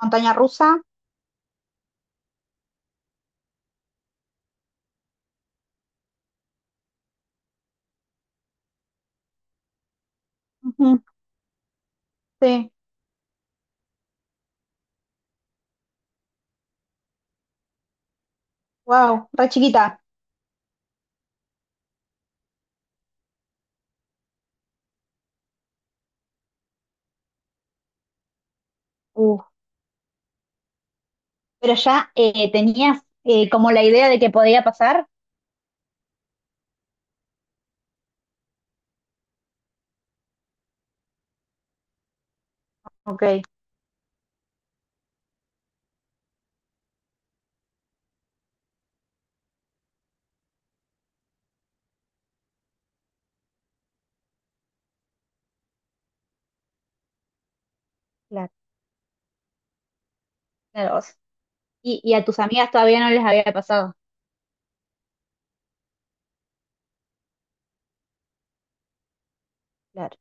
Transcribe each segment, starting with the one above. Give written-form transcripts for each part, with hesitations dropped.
Montaña rusa. Ujú, sí, wow, re chiquita. Uh, pero ya tenías como la idea de que podía pasar. Ok, claro. Claro. Vos. Y a tus amigas todavía no les había pasado. Claro.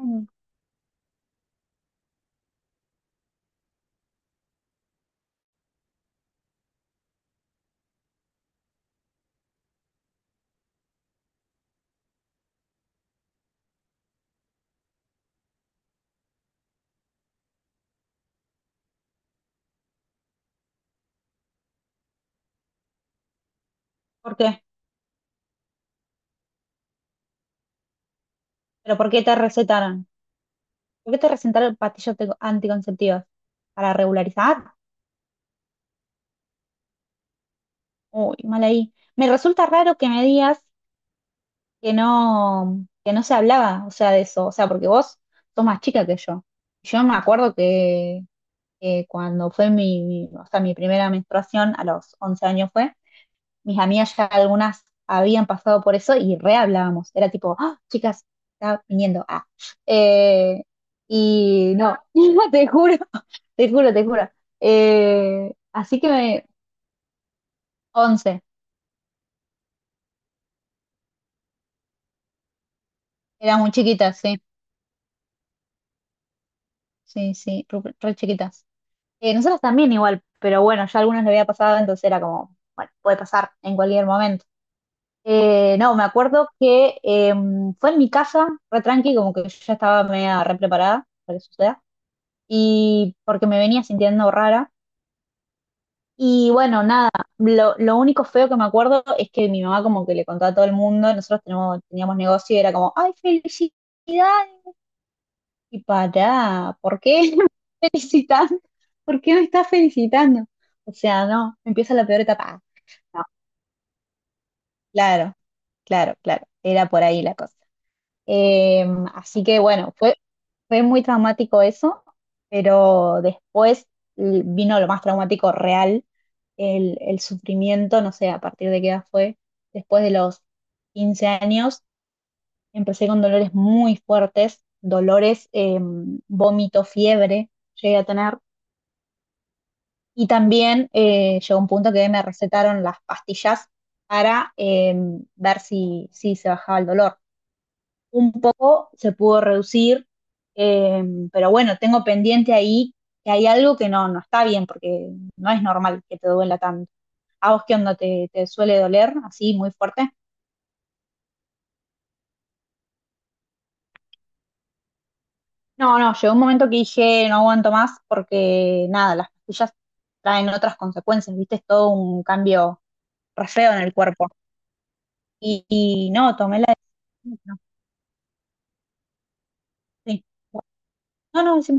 Mm, ¿por qué? ¿Pero por qué te recetaron? ¿Por qué te recetaron pastillas anticonceptivas? ¿Para regularizar? Uy, mal ahí. Me resulta raro que me digas que no se hablaba, o sea, de eso. O sea, porque vos sos más chica que yo. Yo me acuerdo que cuando fue o sea, mi primera menstruación, a los 11 años fue, mis amigas ya algunas habían pasado por eso y re hablábamos. Era tipo, "Ah, chicas, está viniendo. Ah. Eh, y no, te juro, te juro. Así que 11, eran muy chiquitas, sí, sí, sí, re chiquitas. Nosotras también igual, pero bueno, ya algunas le había pasado, entonces era como, bueno, puede pasar en cualquier momento. No, me acuerdo que fue en mi casa, re tranqui, como que yo ya estaba media re preparada para que suceda, y porque me venía sintiendo rara. Y bueno, nada, lo único feo que me acuerdo es que mi mamá como que le contaba a todo el mundo, teníamos negocio y era como, ¡ay, felicidades! Y pará, ¿por qué me felicitan? ¿Por qué me estás felicitando? O sea, no, empieza la peor etapa. Ah, no, claro, claro, claro, era por ahí la cosa. Eh, así que bueno, fue muy traumático eso, pero después vino lo más traumático real, el sufrimiento, no sé a partir de qué edad fue, después de los 15 años empecé con dolores muy fuertes, dolores, vómito, fiebre llegué a tener, y también llegó un punto que me recetaron las pastillas para ver si se bajaba el dolor un poco se pudo reducir, eh, pero bueno, tengo pendiente ahí que hay algo que no, no está bien, porque no es normal que te duela tanto. ¿A vos qué onda? Te suele doler así muy fuerte? No, no, llegó un momento que dije no aguanto más porque nada, las pastillas traen otras consecuencias, viste, es todo un cambio re feo en el cuerpo. Y no, tomé la decisión. No, sí. No, no, sí.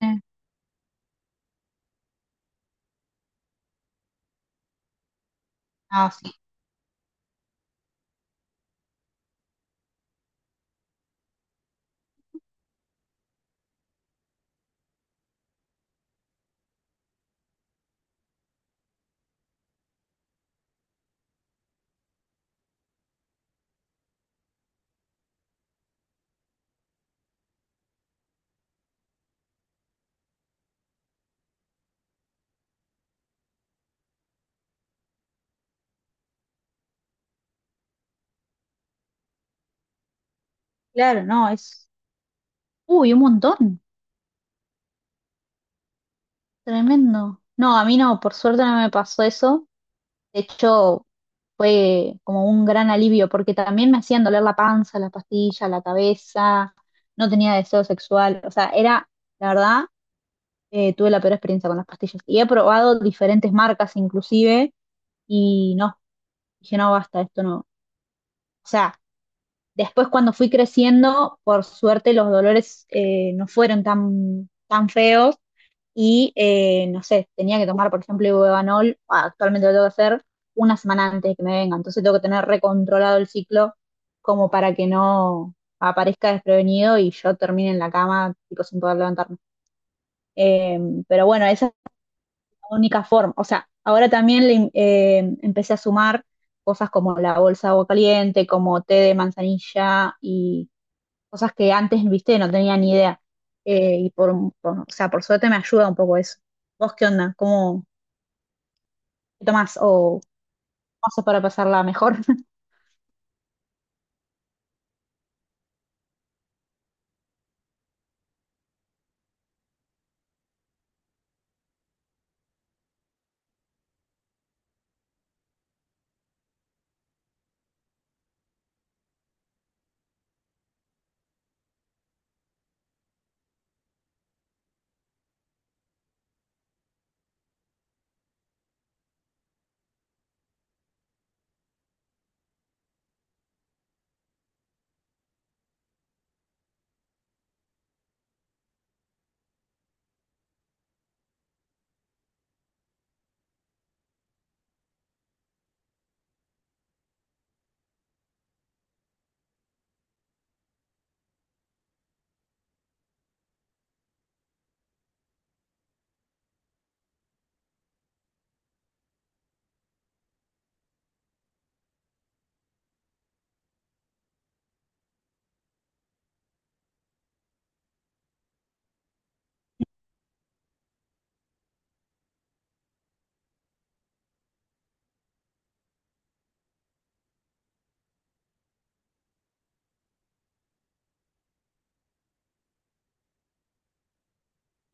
Eh, ah, sí. Claro, no, es. Uy, un montón. Tremendo. No, a mí no, por suerte no me pasó eso. De hecho, fue como un gran alivio, porque también me hacían doler la panza, la pastilla, la cabeza, no tenía deseo sexual. O sea, era, la verdad, tuve la peor experiencia con las pastillas. Y he probado diferentes marcas inclusive, y no, dije, no, basta, esto no. O sea, después cuando fui creciendo, por suerte los dolores no fueron tan, tan feos y, no sé, tenía que tomar, por ejemplo, Ibuevanol, actualmente lo tengo que hacer una semana antes de que me venga, entonces tengo que tener recontrolado el ciclo como para que no aparezca desprevenido y yo termine en la cama, tipo, sin poder levantarme. Eh, pero bueno, esa es la única forma. O sea, ahora también le, empecé a sumar cosas como la bolsa de agua caliente, como té de manzanilla y cosas que antes, viste, no tenía ni idea. Y o sea, por suerte me ayuda un poco eso. ¿Vos qué onda? ¿Cómo qué tomás? ¿O cómo haces para pasarla mejor?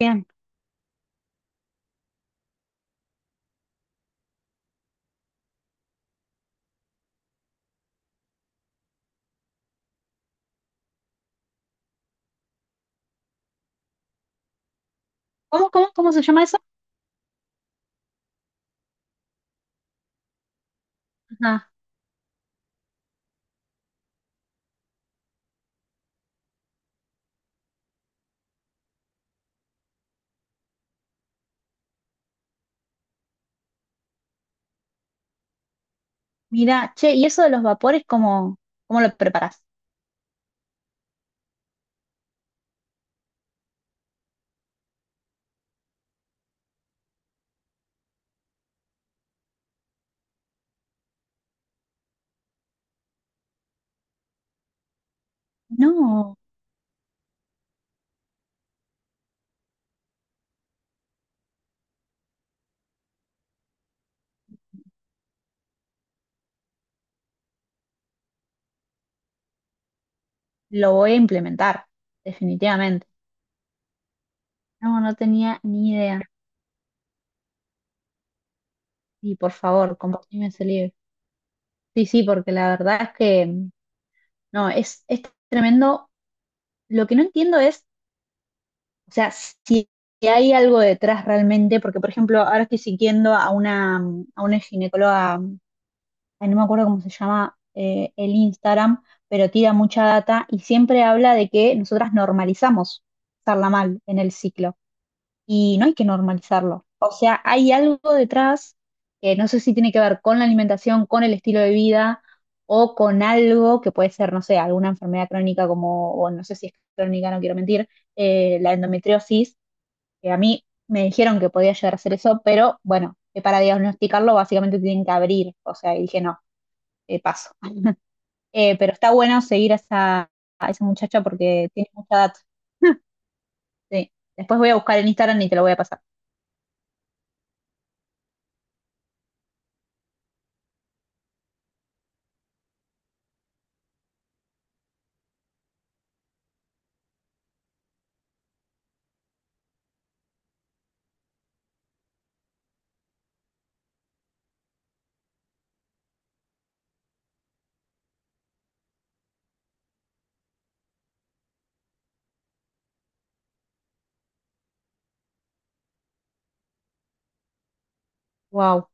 Bien. Cómo se llama eso? Ajá. Mira, che, ¿y eso de los vapores, cómo lo preparás? No, lo voy a implementar, definitivamente. No, no tenía ni idea. Y por favor, compartime ese libro. Sí, sí, porque la verdad es que, no, es tremendo. Lo que no entiendo es, o sea, si hay algo detrás realmente, porque por ejemplo, ahora estoy siguiendo a a una ginecóloga, ay, no me acuerdo cómo se llama el Instagram, pero tira mucha data y siempre habla de que nosotras normalizamos estarla mal en el ciclo y no hay que normalizarlo. O sea, hay algo detrás que no sé si tiene que ver con la alimentación, con el estilo de vida o con algo que puede ser, no sé, alguna enfermedad crónica como, o no sé si es crónica, no quiero mentir, la endometriosis, que a mí me dijeron que podía llegar a hacer eso, pero bueno, que para diagnosticarlo básicamente tienen que abrir, o sea, y dije no, paso. Pero está bueno seguir a a esa muchacha porque tiene mucha data. Sí. Después voy a buscar en Instagram y te lo voy a pasar. Wow.